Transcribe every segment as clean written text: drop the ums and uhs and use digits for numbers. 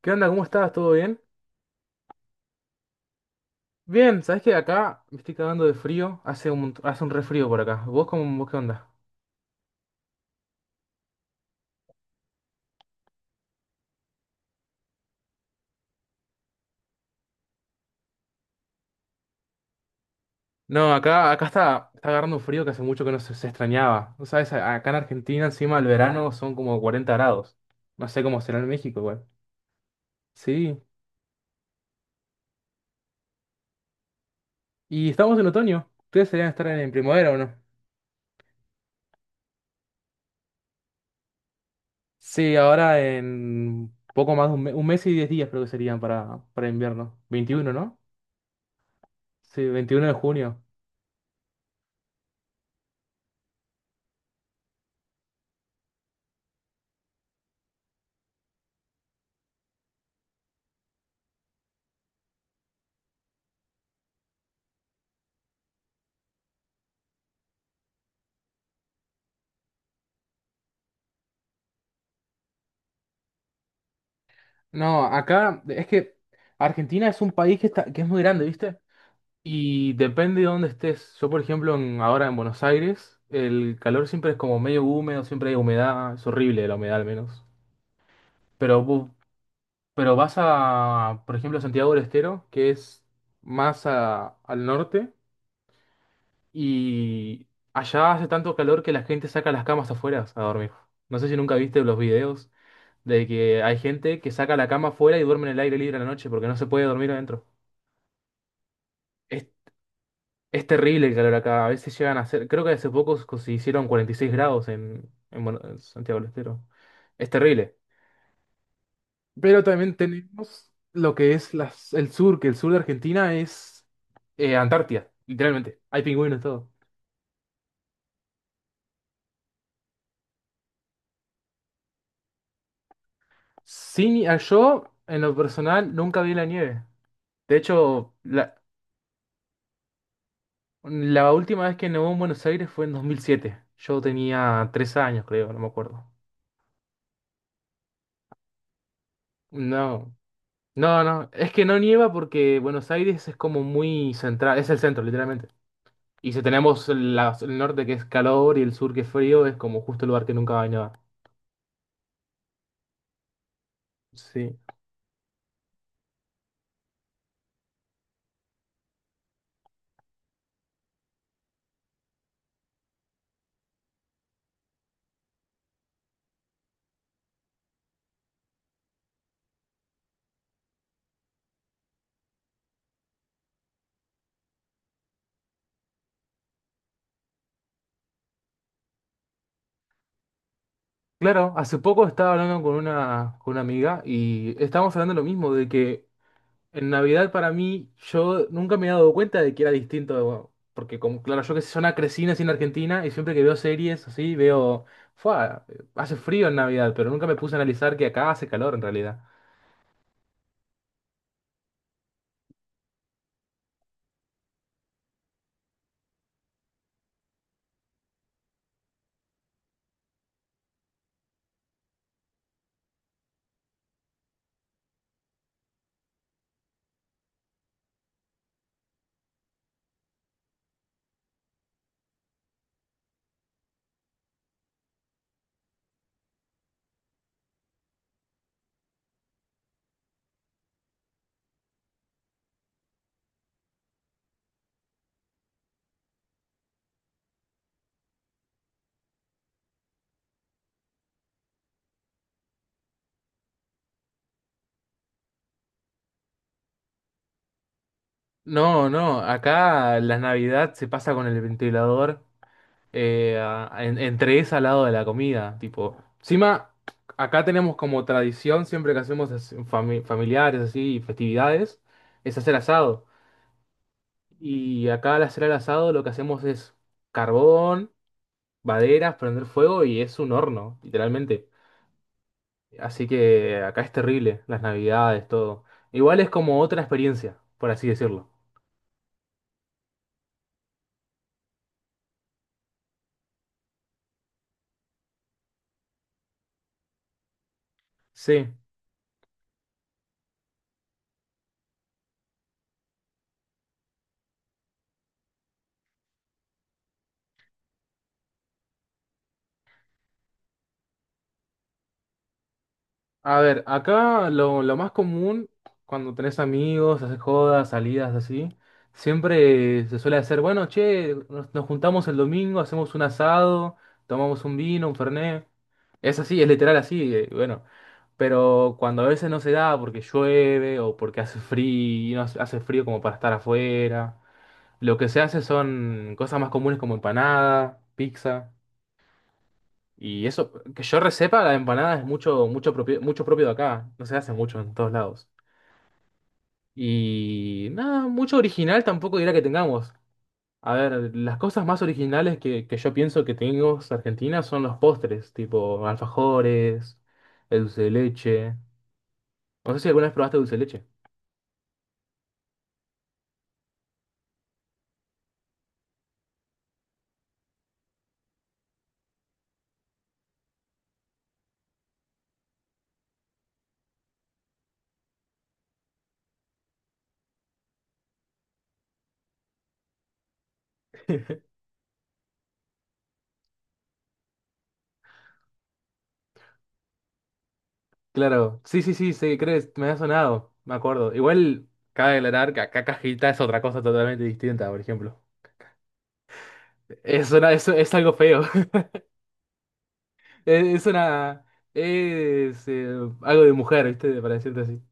¿Qué onda? ¿Cómo estás? ¿Todo bien? Bien, ¿sabés que acá me estoy cagando de frío? Hace un refrío por acá. ¿Vos qué onda? No, acá está agarrando un frío que hace mucho que no se extrañaba. ¿No sabes? Acá en Argentina encima el verano son como 40 grados. No sé cómo será en México igual. Sí. Y estamos en otoño. ¿Ustedes deberían estar en primavera o no? Sí, ahora en poco más de un mes y 10 días creo que serían para invierno. 21, ¿no? Sí, 21 de junio. No, acá es que Argentina es un país que es muy grande, ¿viste? Y depende de dónde estés. Yo, por ejemplo, ahora en Buenos Aires, el calor siempre es como medio húmedo, siempre hay humedad, es horrible la humedad al menos. Pero, pero vas a, por ejemplo, Santiago del Estero, que es más al norte, y allá hace tanto calor que la gente saca las camas afuera a dormir. No sé si nunca viste los videos de que hay gente que saca la cama afuera y duerme en el aire libre a la noche porque no se puede dormir adentro. Es, es terrible el calor acá. A veces llegan a ser, creo que hace poco se hicieron 46 grados en Santiago del Estero. Es terrible. Pero también tenemos lo que es el sur, que el sur de Argentina es Antártida, literalmente. Hay pingüinos y todo. Sí, yo, en lo personal, nunca vi la nieve. De hecho, la última vez que nevó en Buenos Aires fue en 2007. Yo tenía 3 años, creo, no me acuerdo. No. No, no, es que no nieva porque Buenos Aires es como muy central, es el centro, literalmente. Y si tenemos el norte que es calor y el sur que es frío, es como justo el lugar que nunca va a nevar. Sí. Claro, hace poco estaba hablando con una amiga y estábamos hablando lo mismo, de que en Navidad para mí yo nunca me he dado cuenta de que era distinto, porque como, claro, yo que sé, yo na- crecí nací en Argentina y siempre que veo series así, veo, "Fua, hace frío en Navidad", pero nunca me puse a analizar que acá hace calor en realidad. No, no, acá la Navidad se pasa con el ventilador, entre esa al lado de la comida, tipo. Encima, acá tenemos como tradición, siempre que hacemos familiares así, festividades, es hacer asado. Y acá al hacer el asado lo que hacemos es carbón, maderas, prender fuego, y es un horno, literalmente. Así que acá es terrible, las Navidades, todo. Igual es como otra experiencia, por así decirlo. Sí. A ver, acá lo más común cuando tenés amigos, haces jodas, salidas así, siempre se suele hacer, bueno, che, nos juntamos el domingo, hacemos un asado, tomamos un vino, un fernet. Es así, es literal así, bueno. Pero cuando a veces no se da porque llueve o porque hace frío, hace frío como para estar afuera, lo que se hace son cosas más comunes como empanada, pizza. Y eso, que yo resepa, la empanada es mucho, mucho propio de acá. No se hace mucho en todos lados. Y nada, mucho original tampoco dirá que tengamos. A ver, las cosas más originales que yo pienso que tenemos Argentina son los postres, tipo alfajores, el dulce de leche. No sé si alguna vez probaste dulce de leche. Claro, sí, sí, sí, sí, crees, me ha sonado, me acuerdo. Igual cabe aclarar que acá cajita es otra cosa totalmente distinta, por ejemplo. Es algo feo. Es una. Es algo de mujer, ¿viste? Para decirte así.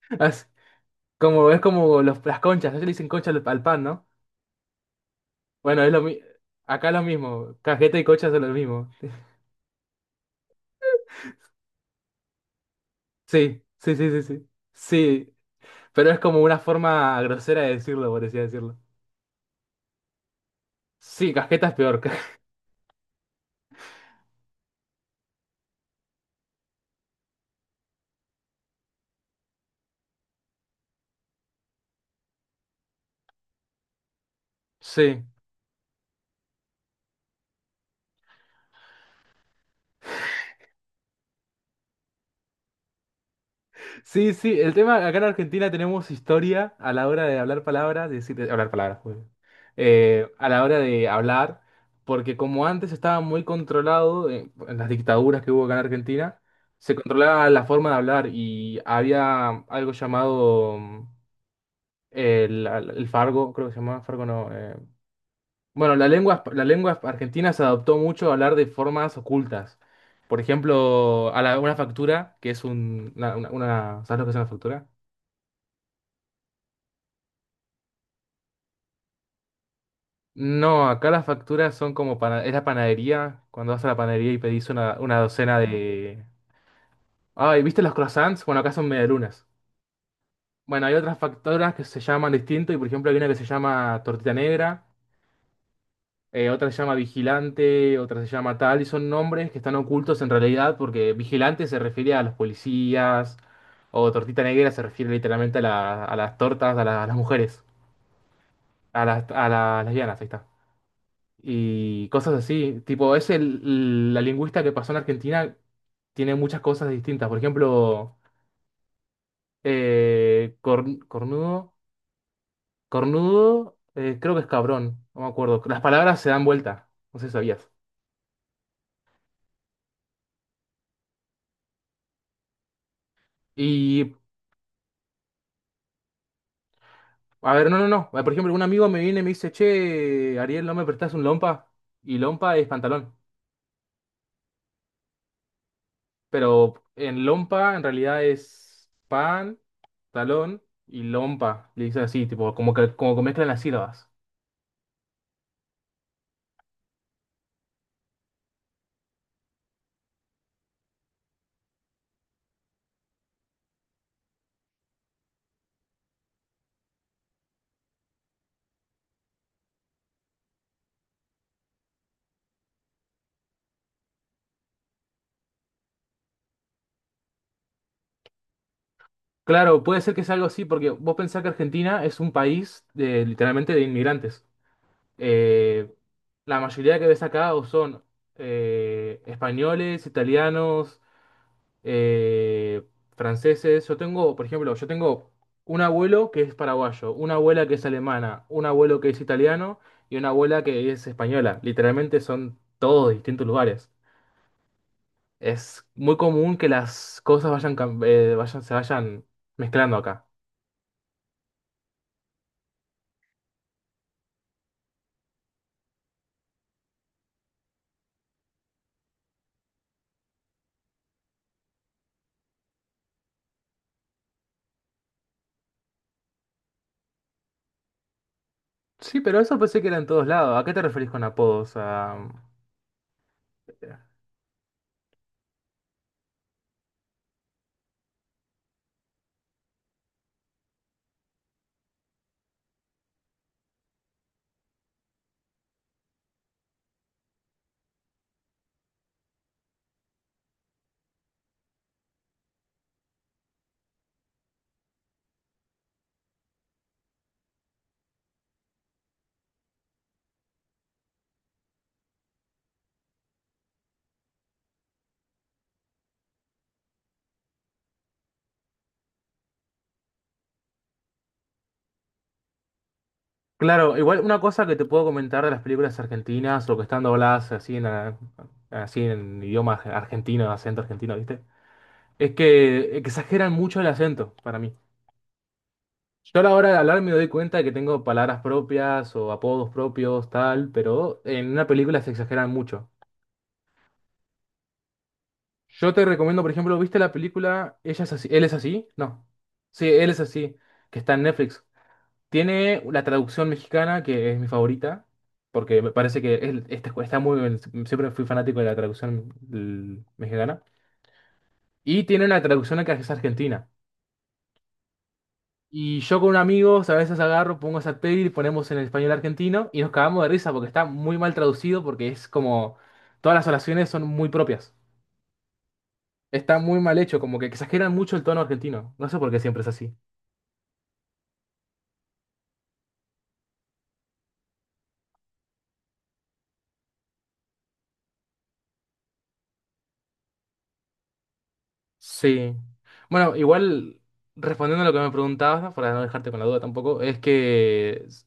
Es es como las conchas. Ellos le dicen concha al pan, ¿no? Bueno, Acá es lo mismo. Cajeta y concha son lo mismo. Sí, sí, sí, sí, sí. Sí. Pero es como una forma grosera de decirlo, por así decirlo. Sí, cajeta es peor. Sí. Sí, sí, el tema, acá en Argentina tenemos historia a la hora de hablar palabras, de decir, de hablar palabras, joder. A la hora de hablar, porque como antes estaba muy controlado, en las dictaduras que hubo acá en Argentina, se controlaba la forma de hablar y había algo llamado el fargo, creo que se llamaba fargo, no. Bueno, la lengua argentina se adoptó mucho a hablar de formas ocultas. Por ejemplo, una factura, que es un, una- ¿sabes lo que es una factura? No, acá las facturas son como para... Es la panadería, cuando vas a la panadería y pedís una docena de... Ay, ¿viste los croissants? Bueno, acá son medialunas. Bueno, hay otras facturas que se llaman distinto y por ejemplo hay una que se llama tortita negra, otra se llama vigilante, otra se llama tal, y son nombres que están ocultos en realidad porque vigilante se refiere a los policías, o tortita negra se refiere literalmente a, a las tortas, a, a las mujeres, a las lesbianas, ahí está. Y cosas así. Tipo, es la lingüista que pasó en Argentina, tiene muchas cosas distintas. Por ejemplo, cornudo, cornudo, creo que es cabrón, no me acuerdo. Las palabras se dan vuelta, no sé si sabías. Y, a ver, no, no, no. Por ejemplo, un amigo me viene y me dice, che, Ariel, ¿no me prestás un lompa? Y lompa es pantalón. Pero en lompa en realidad es pan, talón y lompa. Le dicen así, tipo, como que mezclan las sílabas. Claro, puede ser que sea algo así, porque vos pensás que Argentina es un país de, literalmente de inmigrantes. Eh, la mayoría que ves acá o son españoles, italianos, eh, franceses. Yo tengo, por ejemplo, yo tengo un abuelo que es paraguayo, una abuela que es alemana, un abuelo que es italiano y una abuela que es española. Literalmente son todos de distintos lugares. Es muy común que las cosas se vayan mezclando acá. Sí, pero eso pensé que era en todos lados. ¿A qué te referís con apodos? A... Claro, igual una cosa que te puedo comentar de las películas argentinas o que están dobladas así en idioma argentino, acento argentino, ¿viste? Es que exageran mucho el acento para mí. Yo a la hora de hablar me doy cuenta de que tengo palabras propias o apodos propios, tal, pero en una película se exageran mucho. Yo te recomiendo, por ejemplo, ¿viste la película Ella es así? ¿Él es así? No. Sí, él es así, que está en Netflix. Tiene la traducción mexicana, que es mi favorita, porque me parece que está muy bien. Siempre fui fanático de la traducción mexicana. Y tiene una traducción que es argentina. Y yo con amigos a veces agarro, pongo esa peli y ponemos en el español argentino y nos cagamos de risa porque está muy mal traducido, porque es como todas las oraciones son muy propias. Está muy mal hecho, como que exageran mucho el tono argentino. No sé por qué siempre es así. Sí. Bueno, igual, respondiendo a lo que me preguntabas, para no dejarte con la duda tampoco, es que s-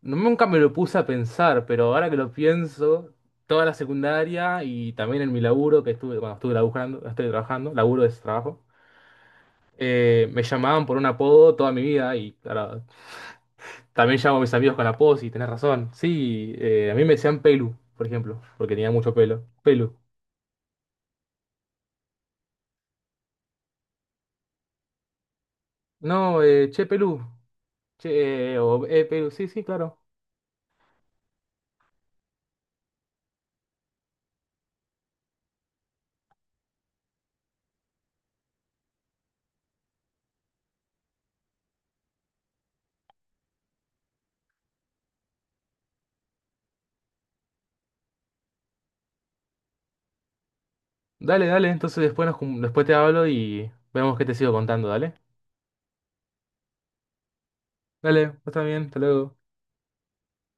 no- nunca me lo puse a pensar, pero ahora que lo pienso, toda la secundaria y también en mi laburo, que estuve, cuando estuve laburando, estoy trabajando, laburo es trabajo, me llamaban por un apodo toda mi vida y claro, también llamo a mis amigos con apodos y tenés razón. Sí, a mí me decían Pelu, por ejemplo, porque tenía mucho pelo. Pelu. No, che, Pelu. Che, o Pelu, sí, sí, claro. Dale, dale, entonces después te hablo y vemos qué te sigo contando, dale. Dale, está bien, hasta luego.